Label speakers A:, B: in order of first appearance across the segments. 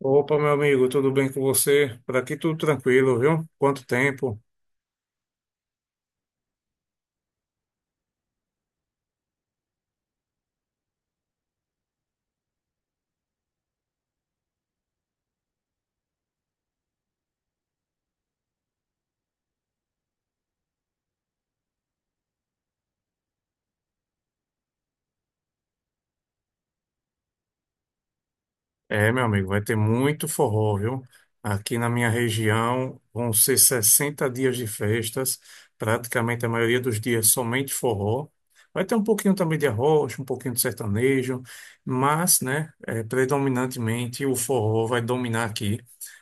A: Opa, meu amigo, tudo bem com você? Por aqui tudo tranquilo, viu? Quanto tempo? É, meu amigo, vai ter muito forró, viu? Aqui na minha região vão ser 60 dias de festas, praticamente a maioria dos dias somente forró. Vai ter um pouquinho também de arroz, um pouquinho de sertanejo, mas, né, predominantemente o forró vai dominar aqui.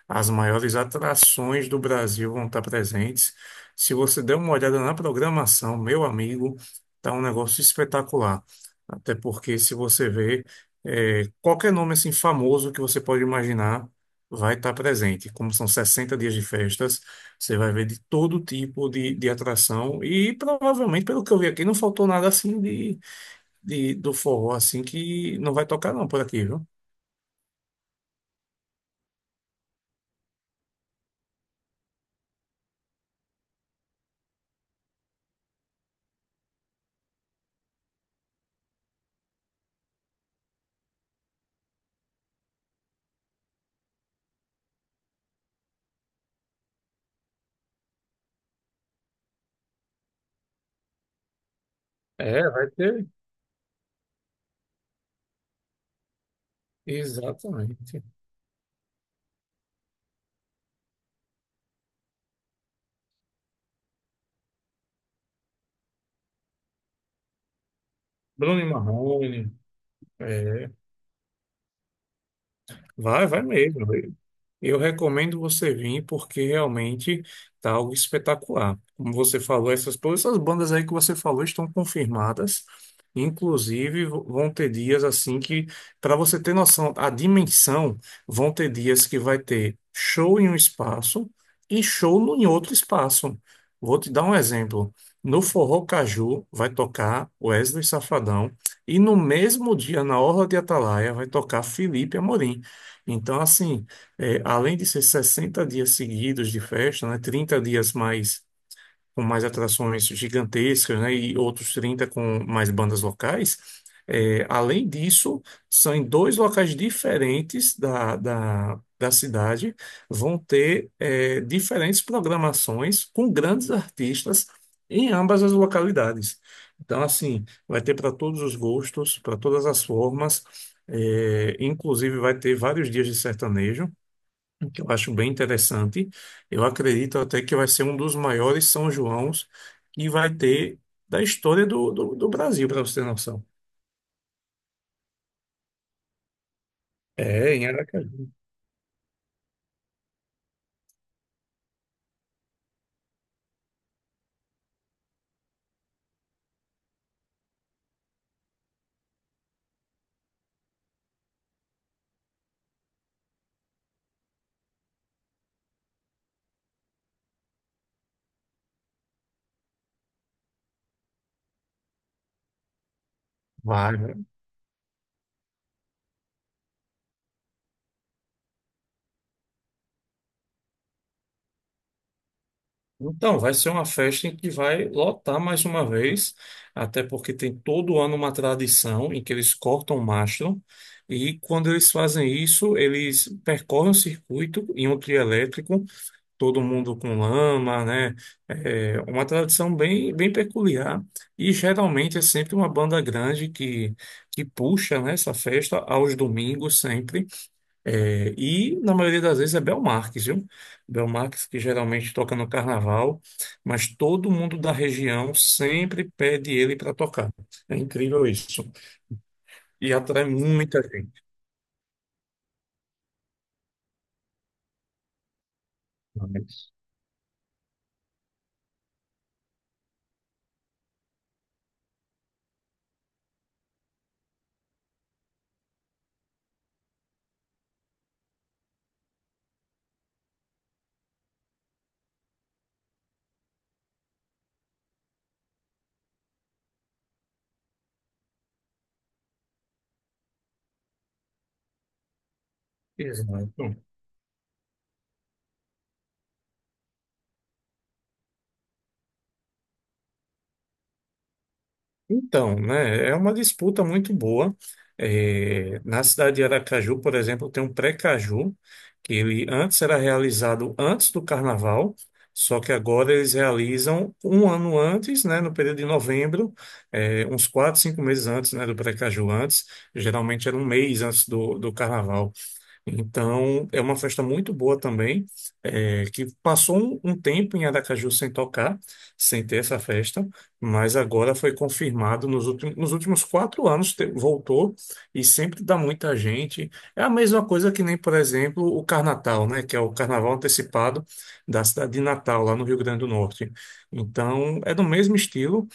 A: As maiores atrações do Brasil vão estar presentes. Se você der uma olhada na programação, meu amigo, tá um negócio espetacular. Até porque, se você ver. É, qualquer nome assim famoso que você pode imaginar vai estar presente. Como são 60 dias de festas, você vai ver de todo tipo de atração e provavelmente, pelo que eu vi aqui, não faltou nada assim do forró assim que não vai tocar não por aqui, viu? É, vai ter. Exatamente. Bruno e Marrone. É, vai mesmo. Eu recomendo você vir porque realmente tá algo espetacular. Como você falou, essas todas essas bandas aí que você falou estão confirmadas. Inclusive, vão ter dias assim que, para você ter noção, a dimensão, vão ter dias que vai ter show em um espaço e show em outro espaço. Vou te dar um exemplo. No Forró Caju vai tocar Wesley Safadão e no mesmo dia, na Orla de Atalaia, vai tocar Felipe Amorim. Então, assim. É, além de ser 60 dias seguidos de festa, né, 30 dias mais com mais atrações gigantescas, né, e outros 30 com mais bandas locais, é, além disso, são em dois locais diferentes da cidade, vão ter diferentes programações com grandes artistas em ambas as localidades. Então, assim, vai ter para todos os gostos, para todas as formas, é, inclusive vai ter vários dias de sertanejo que eu acho bem interessante. Eu acredito até que vai ser um dos maiores São Joãos que vai ter da história do Brasil, para você ter noção. É, em Aracaju. Vai, né? Então, vai ser uma festa em que vai lotar mais uma vez, até porque tem todo ano uma tradição em que eles cortam o mastro, e quando eles fazem isso, eles percorrem o circuito em um trio elétrico todo mundo com lama, né? É uma tradição bem, bem peculiar e geralmente é sempre uma banda grande que puxa, né, essa festa aos domingos sempre. É, e na maioria das vezes é Belmarques, viu? Belmarques que geralmente toca no carnaval, mas todo mundo da região sempre pede ele para tocar. É incrível isso. E atrai muita gente. Né? Exato. Então, né, é uma disputa muito boa. É, na cidade de Aracaju, por exemplo, tem um pré-caju, que ele antes era realizado antes do carnaval, só que agora eles realizam um ano antes, né, no período de novembro, é, uns 4, 5 meses antes, né, do pré-caju antes, geralmente era um mês antes do carnaval. Então, é uma festa muito boa também, é, que passou um tempo em Aracaju sem tocar, sem ter essa festa, mas agora foi confirmado nos últimos 4 anos, voltou e sempre dá muita gente. É a mesma coisa que nem, por exemplo, o Carnatal, né, que é o carnaval antecipado da cidade de Natal, lá no Rio Grande do Norte. Então, é do mesmo estilo,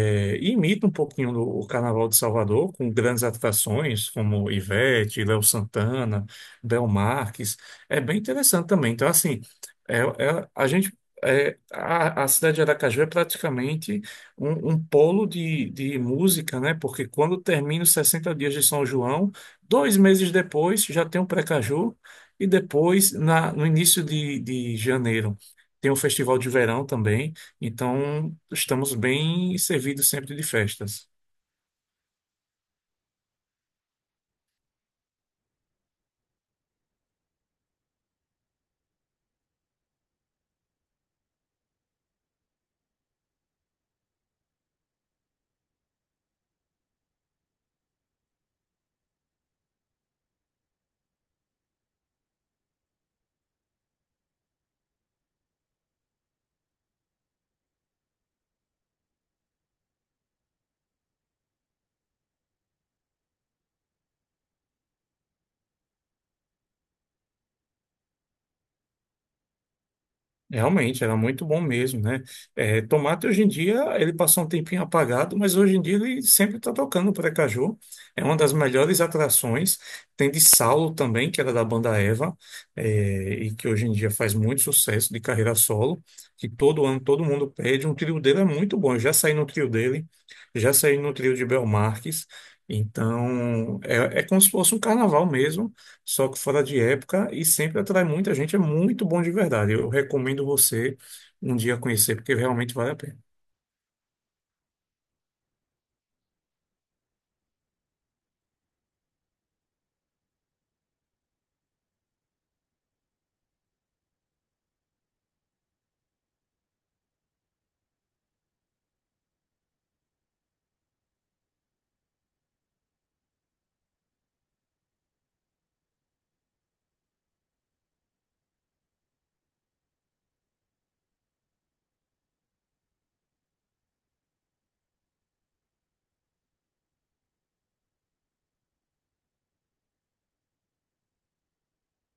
A: é, e imita um pouquinho o Carnaval de Salvador, com grandes atrações como Ivete, Léo Santana, Bel Marques. É bem interessante também. Então, assim, é, é- a gente. A cidade de Aracaju é praticamente um polo de música, né? Porque quando termina os 60 dias de São João, 2 meses depois já tem o Precaju, e depois, no início de janeiro, tem o Festival de Verão também. Então, estamos bem servidos sempre de festas. Realmente, era muito bom mesmo, né? É, Tomate, hoje em dia, ele passou um tempinho apagado, mas hoje em dia ele sempre está tocando o Precaju. É uma das melhores atrações. Tem de Saulo também, que era da banda Eva, é, e que hoje em dia faz muito sucesso de carreira solo, que todo ano todo mundo pede. Um trio dele é muito bom. Eu já saí no trio dele, já saí no trio de Bel Marques. Então, é, é como se fosse um carnaval mesmo só que fora de época e sempre atrai muita gente. É muito bom de verdade. Eu recomendo você um dia conhecer, porque realmente vale a pena.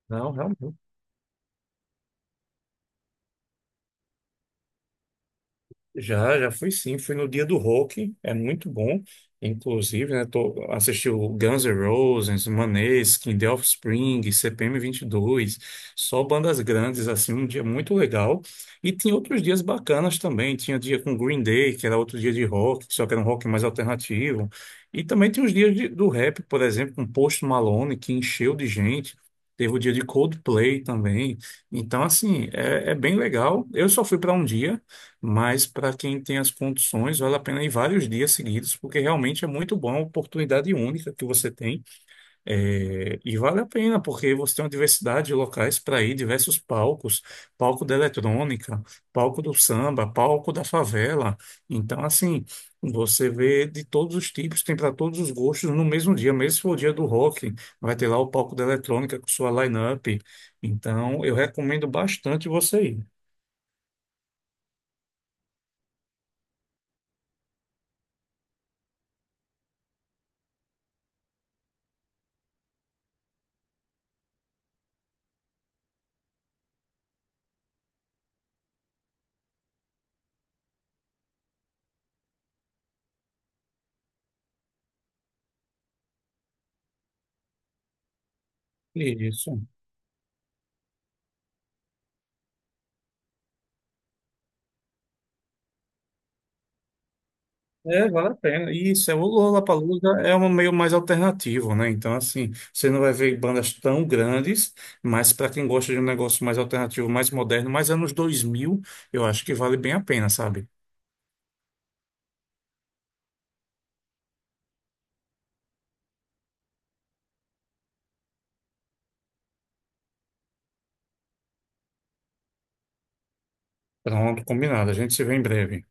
A: Não, realmente. Já fui sim, fui no dia do rock, é muito bom, inclusive, né, assisti o Guns N' Roses, Maneskin, The Offspring, CPM 2 só bandas grandes, assim, um dia muito legal, e tinha outros dias bacanas também, tinha dia com Green Day, que era outro dia de rock, só que era um rock mais alternativo, e também tinha os dias do rap, por exemplo, com Post Malone, que encheu de gente, teve o dia de Coldplay também, então, assim, é bem legal, eu só fui para um dia, mas para quem tem as condições, vale a pena ir vários dias seguidos, porque realmente é muito bom, uma oportunidade única que você tem. É, e vale a pena, porque você tem uma diversidade de locais para ir, diversos palcos, palco da eletrônica, palco do samba, palco da favela. Então, assim, você vê de todos os tipos, tem para todos os gostos no mesmo dia, mesmo se for o dia do rock, vai ter lá o palco da eletrônica com sua line-up. Então, eu recomendo bastante você ir. Isso. É, vale a pena. E Isso, o Lollapalooza é um meio mais alternativo, né? Então, assim, você não vai ver bandas tão grandes, mas para quem gosta de um negócio mais alternativo, mais moderno, mais anos 2000 eu acho que vale bem a pena, sabe? Pronto, combinado. A gente se vê em breve.